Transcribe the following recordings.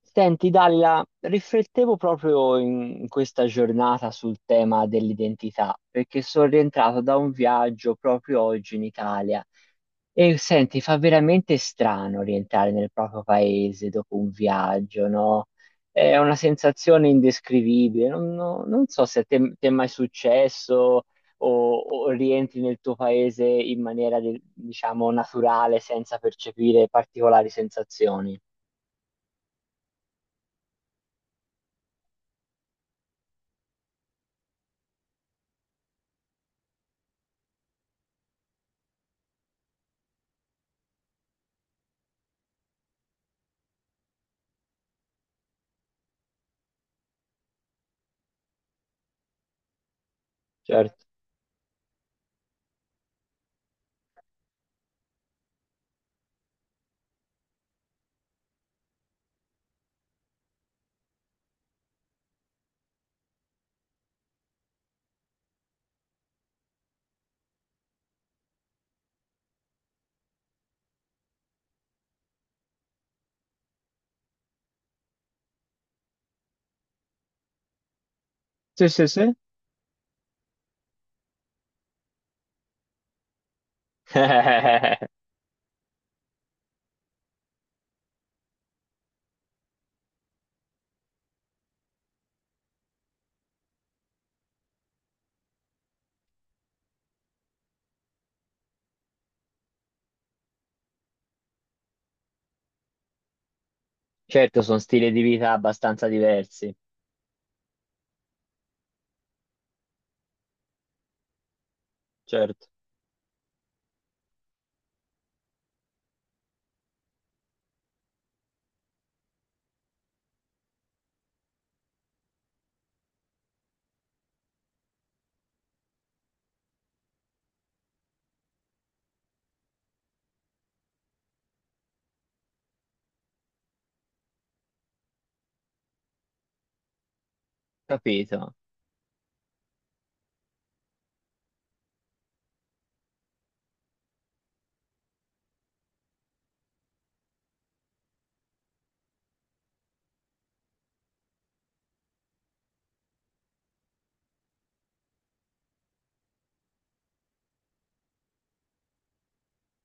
Senti, Dalila, riflettevo proprio in questa giornata sul tema dell'identità, perché sono rientrato da un viaggio proprio oggi in Italia e senti, fa veramente strano rientrare nel proprio paese dopo un viaggio, no? È una sensazione indescrivibile. Non non so se a te, ti è mai successo o rientri nel tuo paese in maniera, diciamo, naturale, senza percepire particolari sensazioni. Certo. Sì, sì, sì. Certo, sono stili di vita abbastanza diversi, certo, capito.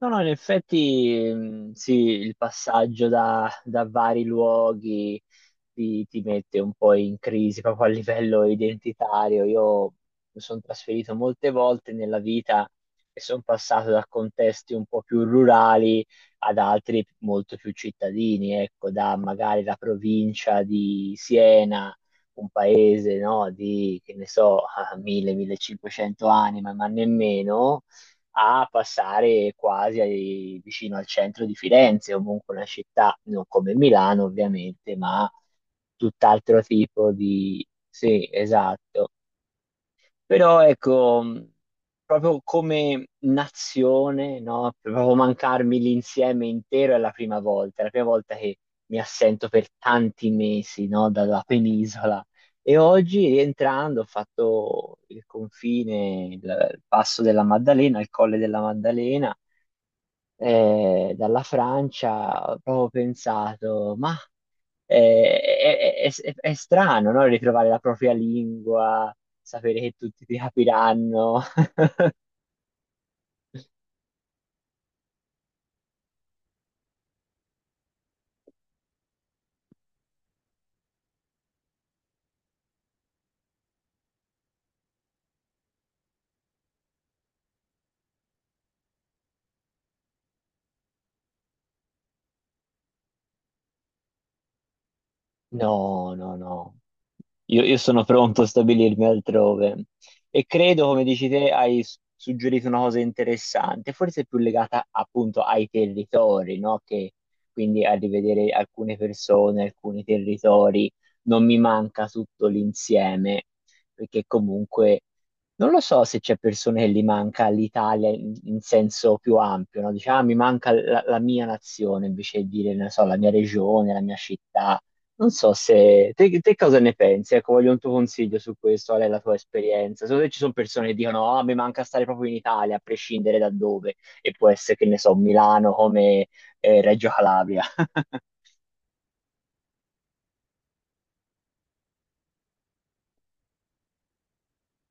No, no, in effetti sì, il passaggio da vari luoghi ti mette un po' in crisi proprio a livello identitario. Io mi sono trasferito molte volte nella vita e sono passato da contesti un po' più rurali ad altri molto più cittadini, ecco, da magari la provincia di Siena, un paese, no, di, che ne so, 1.000-1.500 anime, ma nemmeno a passare quasi vicino al centro di Firenze, o comunque una città non come Milano ovviamente, ma tutt'altro tipo di... Sì, esatto. Però ecco, proprio come nazione, no? Proprio mancarmi l'insieme intero è la prima volta, è la prima volta che mi assento per tanti mesi, no? Dalla penisola. E oggi rientrando ho fatto il confine, il passo della Maddalena, il colle della Maddalena, dalla Francia, ho proprio pensato, ma eh, è, è strano, no? Ritrovare la propria lingua, sapere che tutti ti capiranno. No, no, no. Io sono pronto a stabilirmi altrove e credo, come dici te, hai suggerito una cosa interessante, forse più legata appunto ai territori, no? Che quindi a rivedere alcune persone, alcuni territori, non mi manca tutto l'insieme, perché comunque non lo so se c'è persone che li manca l'Italia in, in senso più ampio, no? Diciamo, "Ah, mi manca la, mia nazione, invece di dire, non so, la mia regione, la mia città. Non so se te cosa ne pensi, ecco, voglio un tuo consiglio su questo, qual è la tua esperienza? Secondo te ci sono persone che dicono, ah, mi manca stare proprio in Italia, a prescindere da dove, e può essere, che ne so, Milano come Reggio Calabria.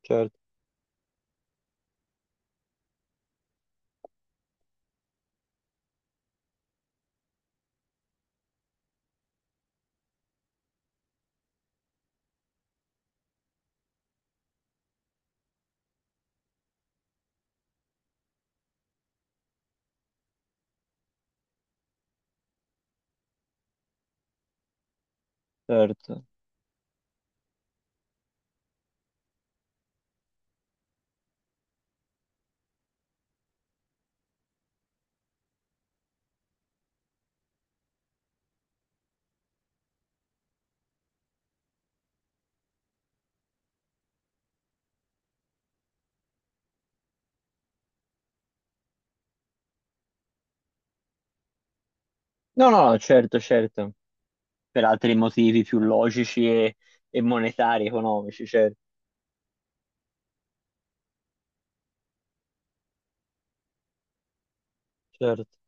Certo, certo. No, no, no, certo, certo, per altri motivi più logici e monetari, economici, certo. Certo.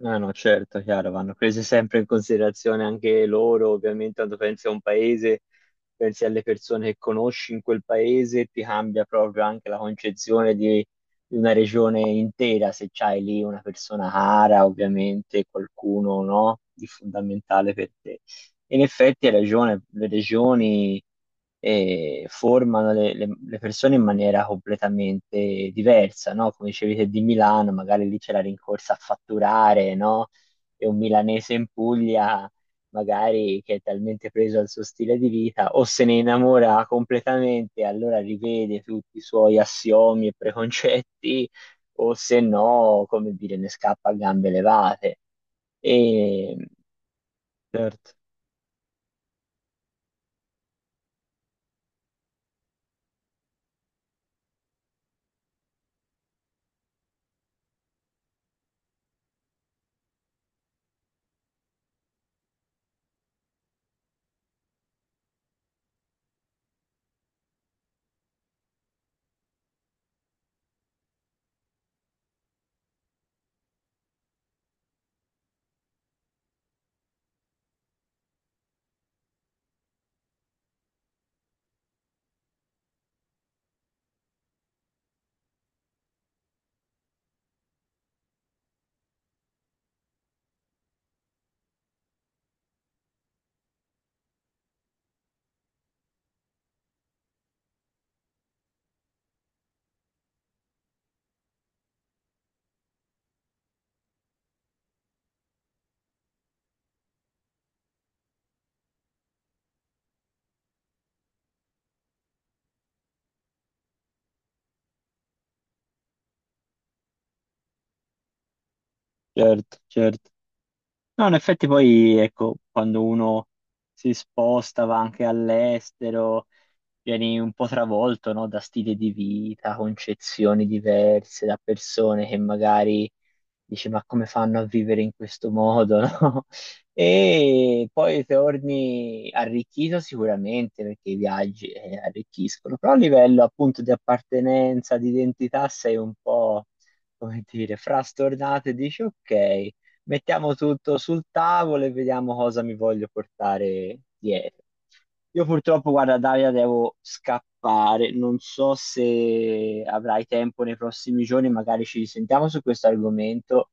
No, no, certo, chiaro, vanno prese sempre in considerazione anche loro, ovviamente quando pensi a un paese, pensi alle persone che conosci in quel paese, ti cambia proprio anche la concezione di, una regione intera, se c'hai lì una persona cara, ovviamente qualcuno, no, di fondamentale per te. In effetti hai ragione, le regioni formano le persone in maniera completamente diversa, no? Come dicevi te di Milano, magari lì c'è la rincorsa a fatturare, no? E un milanese in Puglia, magari che è talmente preso al suo stile di vita, o se ne innamora completamente, allora rivede tutti i suoi assiomi e preconcetti, o se no, come dire, ne scappa a gambe levate. E... Certo, certo, certo. No, in effetti poi, ecco, quando uno si sposta, va anche all'estero, vieni un po' travolto, no, da stili di vita, concezioni diverse, da persone che magari dici, ma come fanno a vivere in questo modo, no? E poi torni arricchito sicuramente perché i viaggi arricchiscono, però a livello appunto di appartenenza, di identità sei un po', come dire, frastornato e dici, ok, mettiamo tutto sul tavolo e vediamo cosa mi voglio portare dietro. Io purtroppo, guarda, Daria, devo scappare. Non so se avrai tempo nei prossimi giorni, magari ci risentiamo su questo argomento.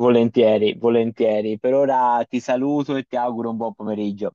Volentieri, volentieri. Per ora ti saluto e ti auguro un buon pomeriggio.